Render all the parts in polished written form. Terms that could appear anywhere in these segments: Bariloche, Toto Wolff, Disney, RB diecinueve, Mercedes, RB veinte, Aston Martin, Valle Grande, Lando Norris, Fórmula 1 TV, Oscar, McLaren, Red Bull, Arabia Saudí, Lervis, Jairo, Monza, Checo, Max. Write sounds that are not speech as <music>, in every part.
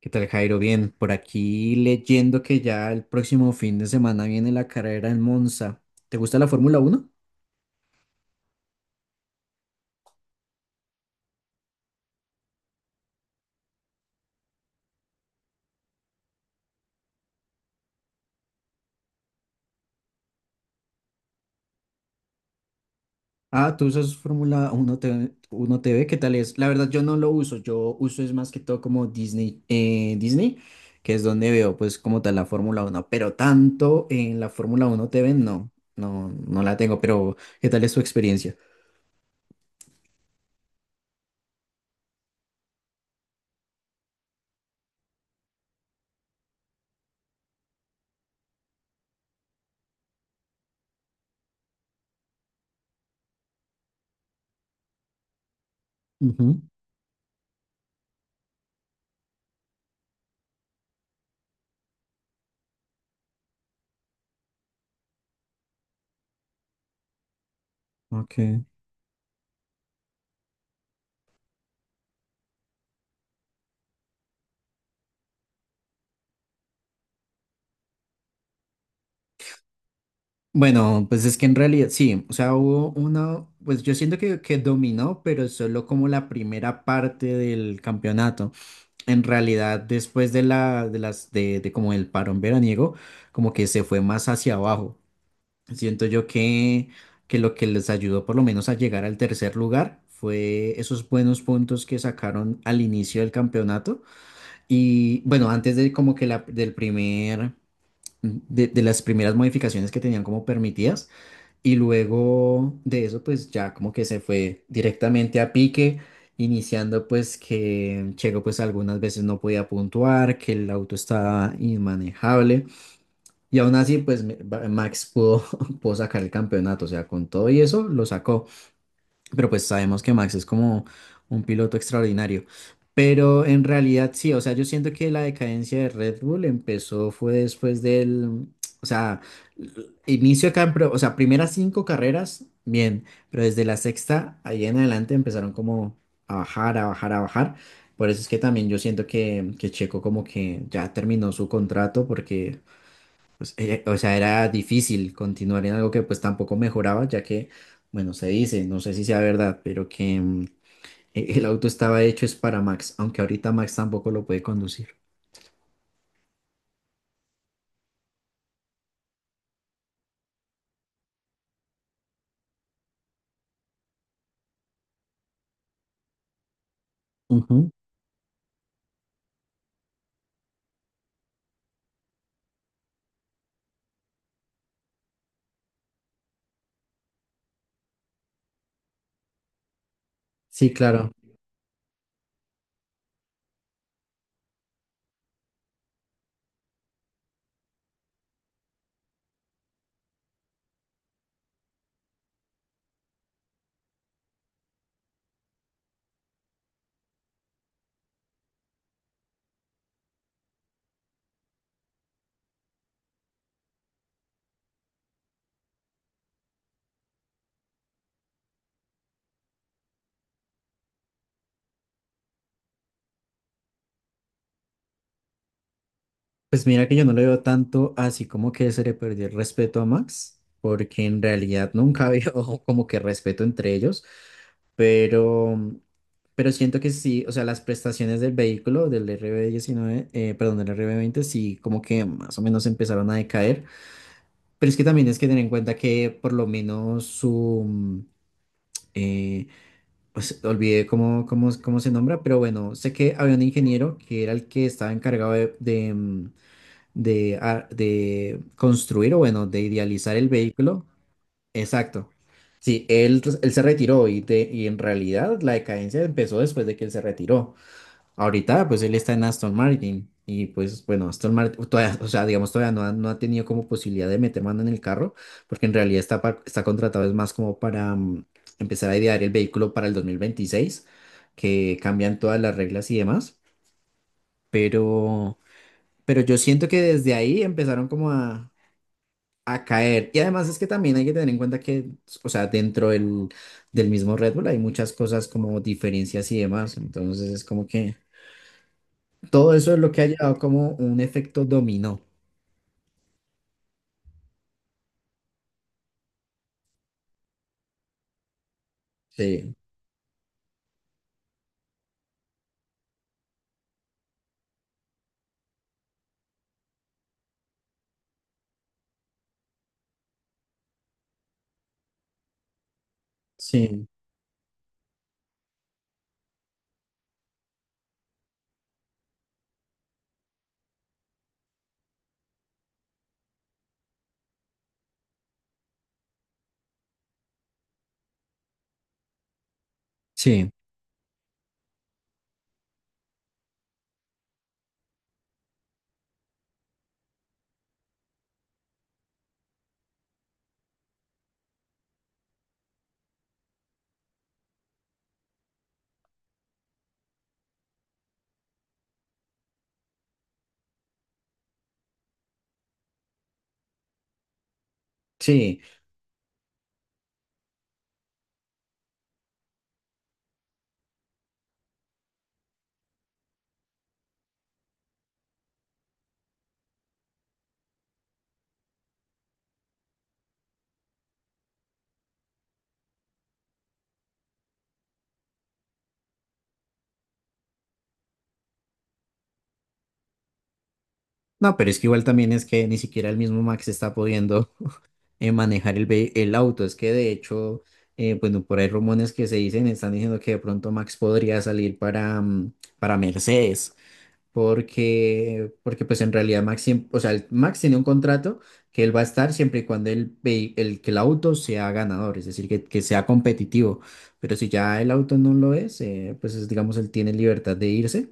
¿Qué tal, Jairo? Bien, por aquí leyendo que ya el próximo fin de semana viene la carrera en Monza. ¿Te gusta la Fórmula Uno? Ah, tú usas Fórmula 1 TV, 1 TV, ¿qué tal es? La verdad yo no lo uso, yo uso es más que todo como Disney, Disney, que es donde veo pues como tal la Fórmula Uno, pero tanto en la Fórmula Uno T V no la tengo, pero ¿qué tal es tu experiencia? Ujú, ok. Bueno, pues es que en realidad sí, o sea, hubo una, pues yo siento que dominó, pero solo como la primera parte del campeonato. En realidad, después de de como el parón veraniego, como que se fue más hacia abajo. Siento yo que lo que les ayudó por lo menos a llegar al tercer lugar fue esos buenos puntos que sacaron al inicio del campeonato. Y bueno, antes de como que la, del primer, de las primeras modificaciones que tenían como permitidas. Y luego de eso, pues ya como que se fue directamente a pique, iniciando pues que Checo pues algunas veces no podía puntuar, que el auto estaba inmanejable. Y aún así, Max pudo, <laughs> pudo sacar el campeonato, o sea, con todo y eso lo sacó. Pero pues sabemos que Max es como un piloto extraordinario. Pero en realidad sí, o sea, yo siento que la decadencia de Red Bull empezó fue después del, o sea, l- inicio acá, o sea, primeras cinco carreras, bien, pero desde la sexta ahí en adelante empezaron como a bajar, a bajar, a bajar. Por eso es que también yo siento que Checo como que ya terminó su contrato porque o sea, era difícil continuar en algo que pues tampoco mejoraba, ya que, bueno, se dice, no sé si sea verdad, pero que el auto estaba hecho es para Max, aunque ahorita Max tampoco lo puede conducir. Ujú. Sí, claro. Pues mira que yo no le veo tanto así como que se le perdió el respeto a Max, porque en realidad nunca había <laughs> como que respeto entre ellos, pero, pero siento que sí, o sea, las prestaciones del vehículo, del RB19, perdón, del RB20 sí como que más o menos empezaron a decaer, pero es que también es que tener en cuenta que por lo menos eh, pues olvidé cómo se nombra, pero bueno, sé que había un ingeniero que era el que estaba encargado de construir o bueno, de idealizar el vehículo. Exacto. Sí, él, pues, él se retiró y en realidad la decadencia empezó después de que él se retiró. Ahorita pues él está en Aston Martin y pues bueno, Aston Martin todavía, o sea, digamos todavía no ha tenido como posibilidad de meter mano en el carro porque en realidad está contratado es más como para empezar a idear el vehículo para el 2026 que cambian todas las reglas y demás, pero... Pero yo siento que desde ahí empezaron como a caer. Y además es que también hay que tener en cuenta que, o sea, del mismo Red Bull hay muchas cosas como diferencias y demás. Entonces es como que todo eso es lo que ha llevado como un efecto dominó. Sí, sí, sí, sí. No, pero es que igual también es que ni siquiera el mismo Max está pudiendo manejar el auto. Es que de hecho, bueno, por ahí rumores que se dicen, están diciendo que de pronto Max podría salir para Mercedes. Porque, porque pues en realidad Max, siem- o sea, el- Max tiene un contrato que él va a estar siempre y cuando que el auto sea ganador, es decir, que sea competitivo. Pero si ya el auto no lo es, pues es, digamos, él tiene libertad de irse.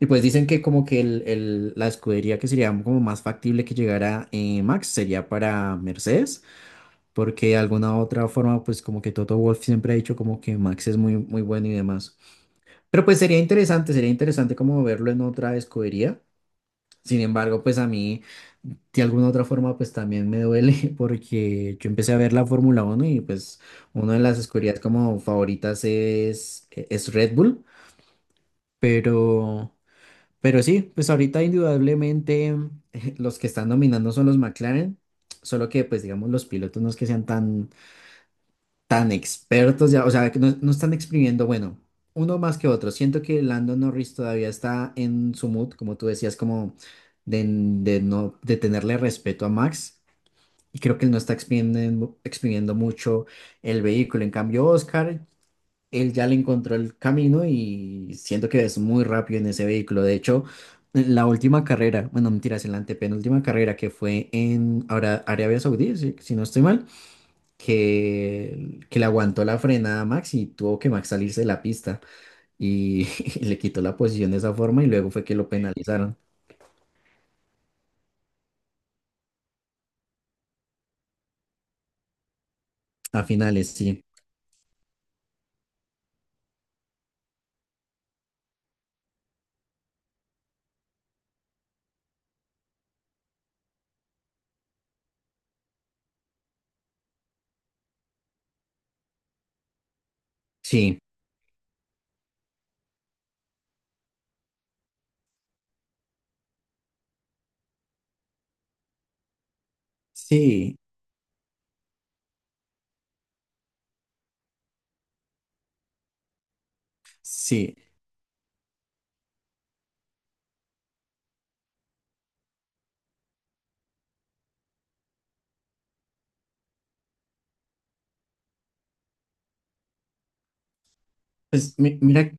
Y pues dicen que como que la escudería que sería como más factible que llegara Max sería para Mercedes, porque de alguna otra forma pues como que Toto Wolff siempre ha dicho como que Max es muy, muy bueno y demás. Pero pues sería interesante como verlo en otra escudería. Sin embargo, pues a mí, de alguna u otra forma, pues también me duele <laughs> porque yo empecé a ver la Fórmula uno y pues una de las escuderías como favoritas es Red Bull, pero, pero sí, pues ahorita indudablemente <laughs> los que están dominando son los McLaren, solo que pues digamos los pilotos no es que sean tan tan expertos ya, o sea, que no, no están exprimiendo, bueno, uno más que otro. Siento que Lando Norris todavía está en su mood, como tú decías, como de no, de tenerle respeto a Max. Y creo que él no está exprimiendo, exprimiendo mucho el vehículo. En cambio, Oscar, él ya le encontró el camino y siento que es muy rápido en ese vehículo. De hecho, en la última carrera, bueno, mentiras, en la antepenúltima carrera que fue en ahora Arabia Saudí, si no estoy mal que le aguantó la frenada a Max y tuvo que Max salirse de la pista y, <laughs> y le quitó la posición de esa forma y luego fue que lo penalizaron a finales, sí, sí, sí, sí. Pues mira,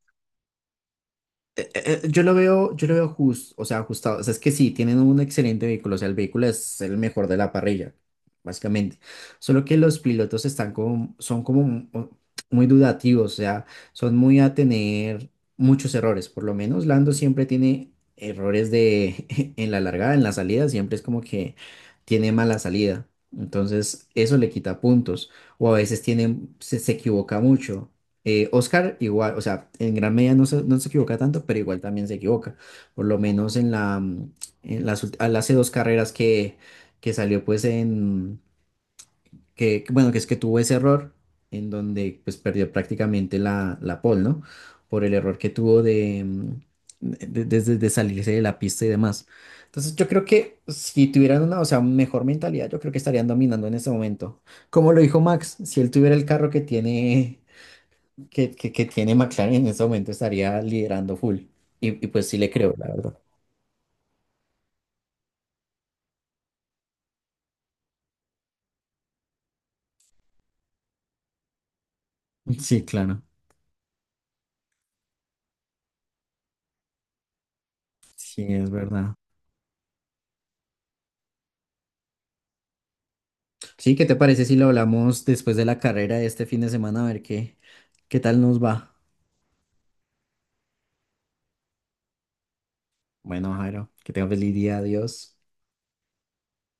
Yo lo veo, yo lo veo justo, o sea, ajustado. O sea, es que sí, tienen un excelente vehículo, o sea, el vehículo es el mejor de la parrilla, básicamente. Solo que los pilotos están como, son muy dudativos, o sea, son muy a tener muchos errores. Por lo menos Lando siempre tiene errores de <laughs> en la largada, en la salida, siempre es como que tiene mala salida. Entonces, eso le quita puntos. O a veces se equivoca mucho. Oscar igual, o sea, en gran medida no se equivoca tanto, pero igual también se equivoca. Por lo menos en la, mm, en las, ult- al- hace 2 carreras que salió pues en, que, bueno, que es que tuvo ese error en donde pues perdió prácticamente la, la pole, ¿no? Por el error que tuvo de, mm, de salirse de la pista y demás. Entonces yo creo que si tuvieran una, o sea, mejor mentalidad, yo creo que estarían dominando en este momento. Como lo dijo Max, si él tuviera el carro que tiene que tiene McLaren en este momento estaría liderando full. Y pues sí le creo, la verdad. Sí, claro. Sí, es verdad. Sí, ¿qué te parece si lo hablamos después de la carrera de este fin de semana? A ver qué, qué tal nos va. Bueno, Jairo, que tenga feliz día. Adiós.